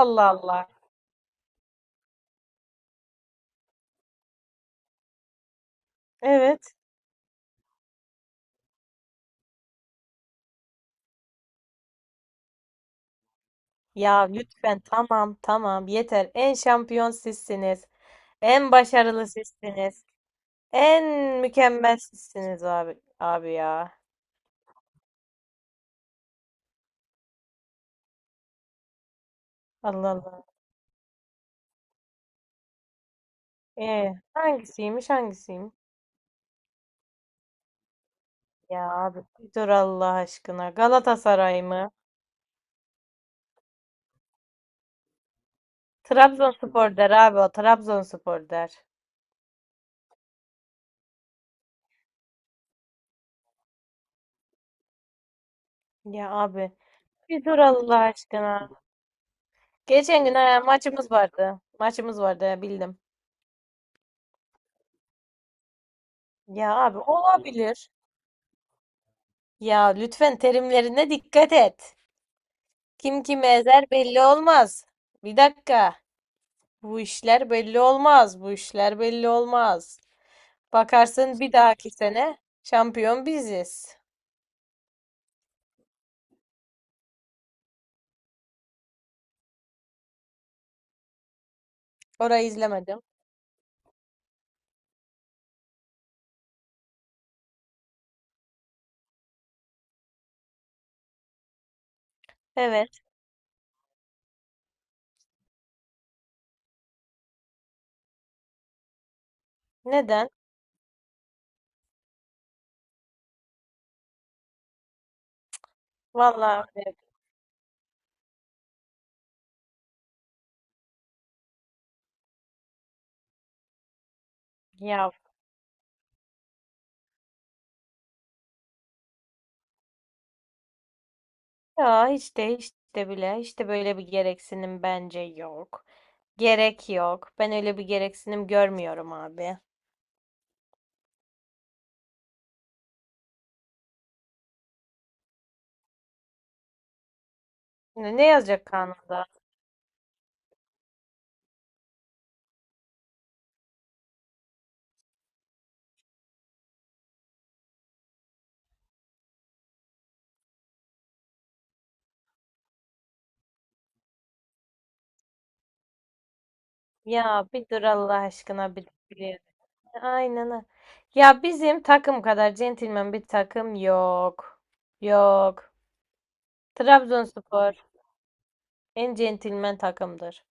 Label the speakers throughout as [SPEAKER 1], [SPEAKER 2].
[SPEAKER 1] Allah Allah. Evet. Ya lütfen tamam tamam yeter. En şampiyon sizsiniz. En başarılı sizsiniz. En mükemmel sizsiniz abi abi ya. Allah Allah. Hangisiymiş hangisiyim? Ya abi bir dur Allah aşkına. Galatasaray mı? Trabzonspor der abi o. Trabzonspor der. Ya abi bir dur Allah aşkına. Geçen gün ha, maçımız vardı. Maçımız vardı ya, bildim. Ya abi olabilir. Ya lütfen terimlerine dikkat et. Kim kimi ezer belli olmaz. Bir dakika. Bu işler belli olmaz. Bu işler belli olmaz. Bakarsın bir dahaki sene şampiyon biziz. Orayı izlemedim. Evet. Neden? Vallahi öyle. Ya, ya hiç de hiç de bile hiç de böyle bir gereksinim bence yok. Gerek yok. Ben öyle bir gereksinim görmüyorum abi. Ne yazacak kanunda? Ya bir dur Allah aşkına bir dur. Aynen. Ha. Ya bizim takım kadar centilmen bir takım yok. Yok. Trabzonspor en centilmen takımdır.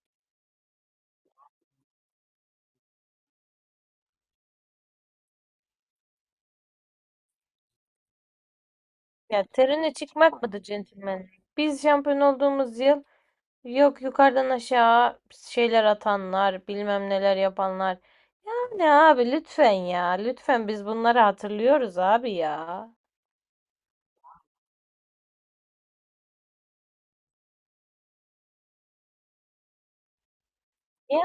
[SPEAKER 1] Ya terine çıkmak mıdır centilmen? Biz şampiyon olduğumuz yıl yok yukarıdan aşağı şeyler atanlar, bilmem neler yapanlar. Yani abi lütfen ya. Lütfen biz bunları hatırlıyoruz abi ya. Ya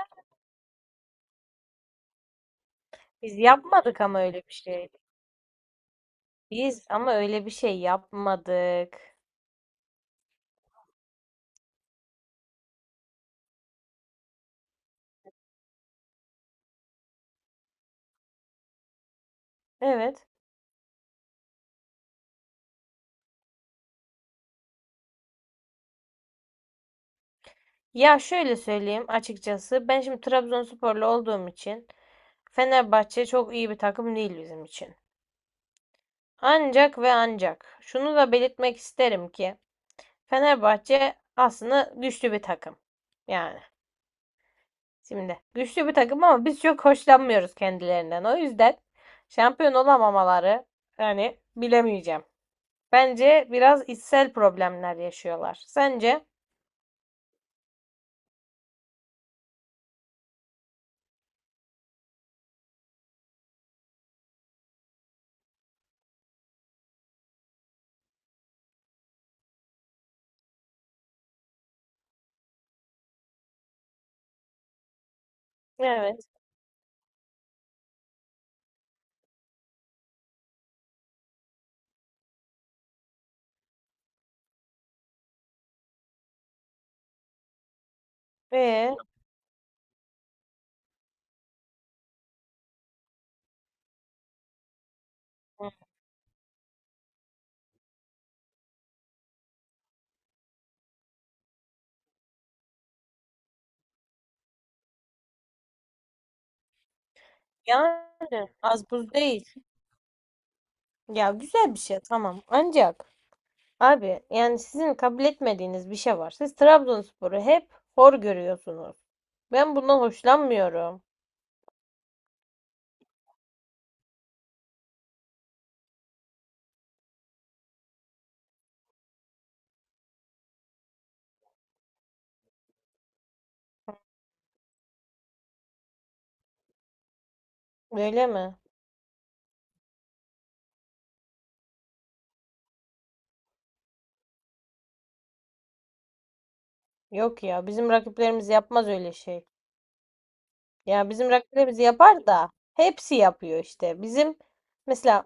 [SPEAKER 1] biz yapmadık ama öyle bir şey. Biz ama öyle bir şey yapmadık. Evet. Ya şöyle söyleyeyim açıkçası. Ben şimdi Trabzonsporlu olduğum için Fenerbahçe çok iyi bir takım değil bizim için. Ancak ve ancak şunu da belirtmek isterim ki Fenerbahçe aslında güçlü bir takım. Yani şimdi güçlü bir takım ama biz çok hoşlanmıyoruz kendilerinden. O yüzden şampiyon olamamaları yani bilemeyeceğim. Bence biraz içsel problemler yaşıyorlar. Sence? Evet. Ee, yani az buz değil. Ya güzel bir şey tamam. Ancak abi yani sizin kabul etmediğiniz bir şey var. Siz Trabzonspor'u hep hor görüyorsunuz. Ben bundan hoşlanmıyorum. Öyle mi? Yok ya bizim rakiplerimiz yapmaz öyle şey. Ya bizim rakiplerimiz yapar da hepsi yapıyor işte. Bizim mesela.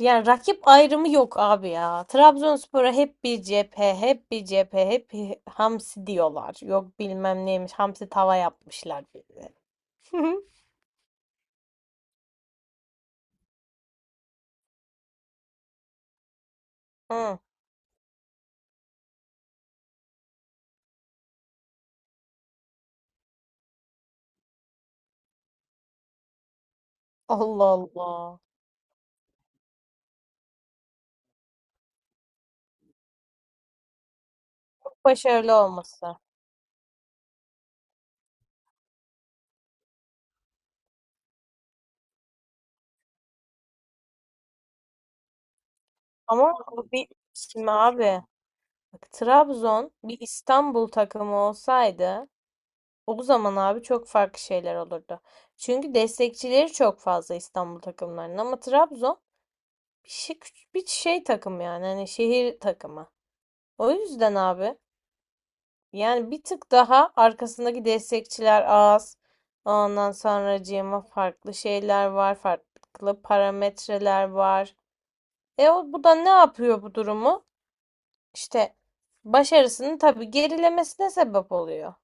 [SPEAKER 1] Yani rakip ayrımı yok abi ya. Trabzonspor'a hep bir cephe, hep bir cephe, hep bir hamsi diyorlar. Yok bilmem neymiş, hamsi tava yapmışlar bize. Hı. Allah Allah. Çok başarılı olması. Ama bu bir, şimdi abi bak, Trabzon bir İstanbul takımı olsaydı o zaman abi çok farklı şeyler olurdu. Çünkü destekçileri çok fazla İstanbul takımlarının ama Trabzon bir şey, bir şey takım yani hani şehir takımı. O yüzden abi yani bir tık daha arkasındaki destekçiler az. Ondan sonracığıma farklı şeyler var, farklı parametreler var. E o, bu da ne yapıyor bu durumu? İşte başarısının tabii gerilemesine sebep oluyor.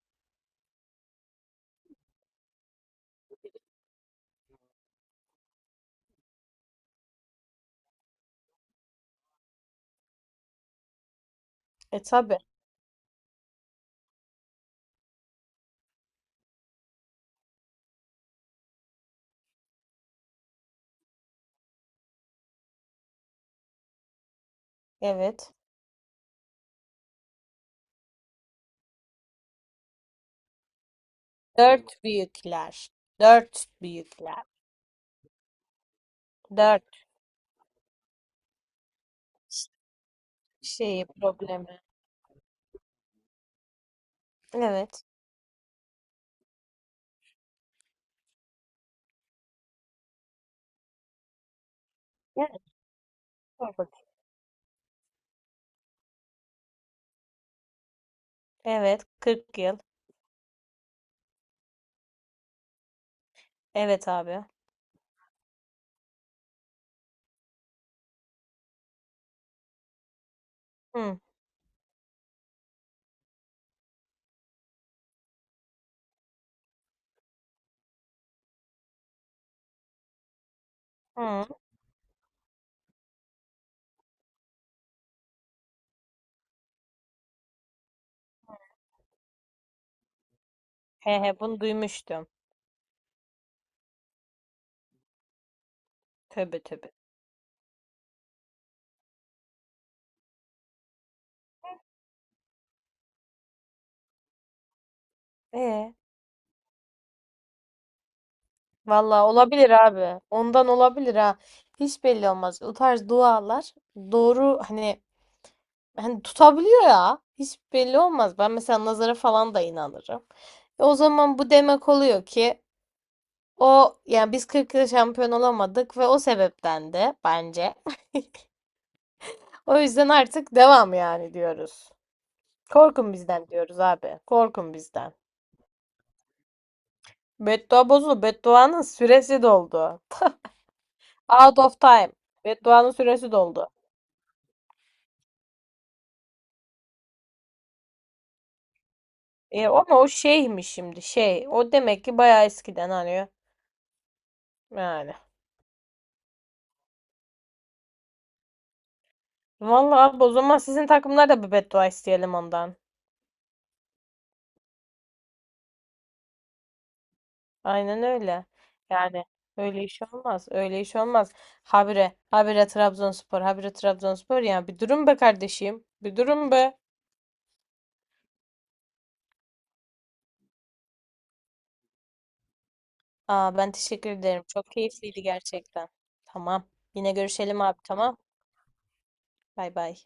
[SPEAKER 1] E tabii. Evet. Dört büyükler. Dört büyükler. Dört şeyi problemi. Evet. Evet, sor bakayım. Evet, 40 yıl. Evet abi. Hı, hı. He he, bunu duymuştum. Tövbe tövbe. E, vallahi olabilir abi. Ondan olabilir ha. Hiç belli olmaz. O tarz dualar doğru hani, hani tutabiliyor ya. Hiç belli olmaz. Ben mesela nazara falan da inanırım. E, o zaman bu demek oluyor ki. O yani biz 40 yıl şampiyon olamadık ve o sebepten de bence. O yüzden artık devam yani diyoruz. Korkun bizden diyoruz abi. Korkun bizden. Beddua bozuldu. Bedduanın süresi doldu. Out of time. Bedduanın süresi doldu. E, ama o şeymiş şimdi şey. O demek ki bayağı eskiden hani. Yani. Vallahi abi, o zaman sizin takımlar da bir beddua isteyelim ondan. Aynen öyle. Yani öyle iş olmaz. Öyle iş olmaz. Habire, habire Trabzonspor, habire Trabzonspor. Yani bir durum be kardeşim. Bir durum be. Aa, ben teşekkür ederim. Çok keyifliydi gerçekten. Tamam. Yine görüşelim abi tamam. Bay bay.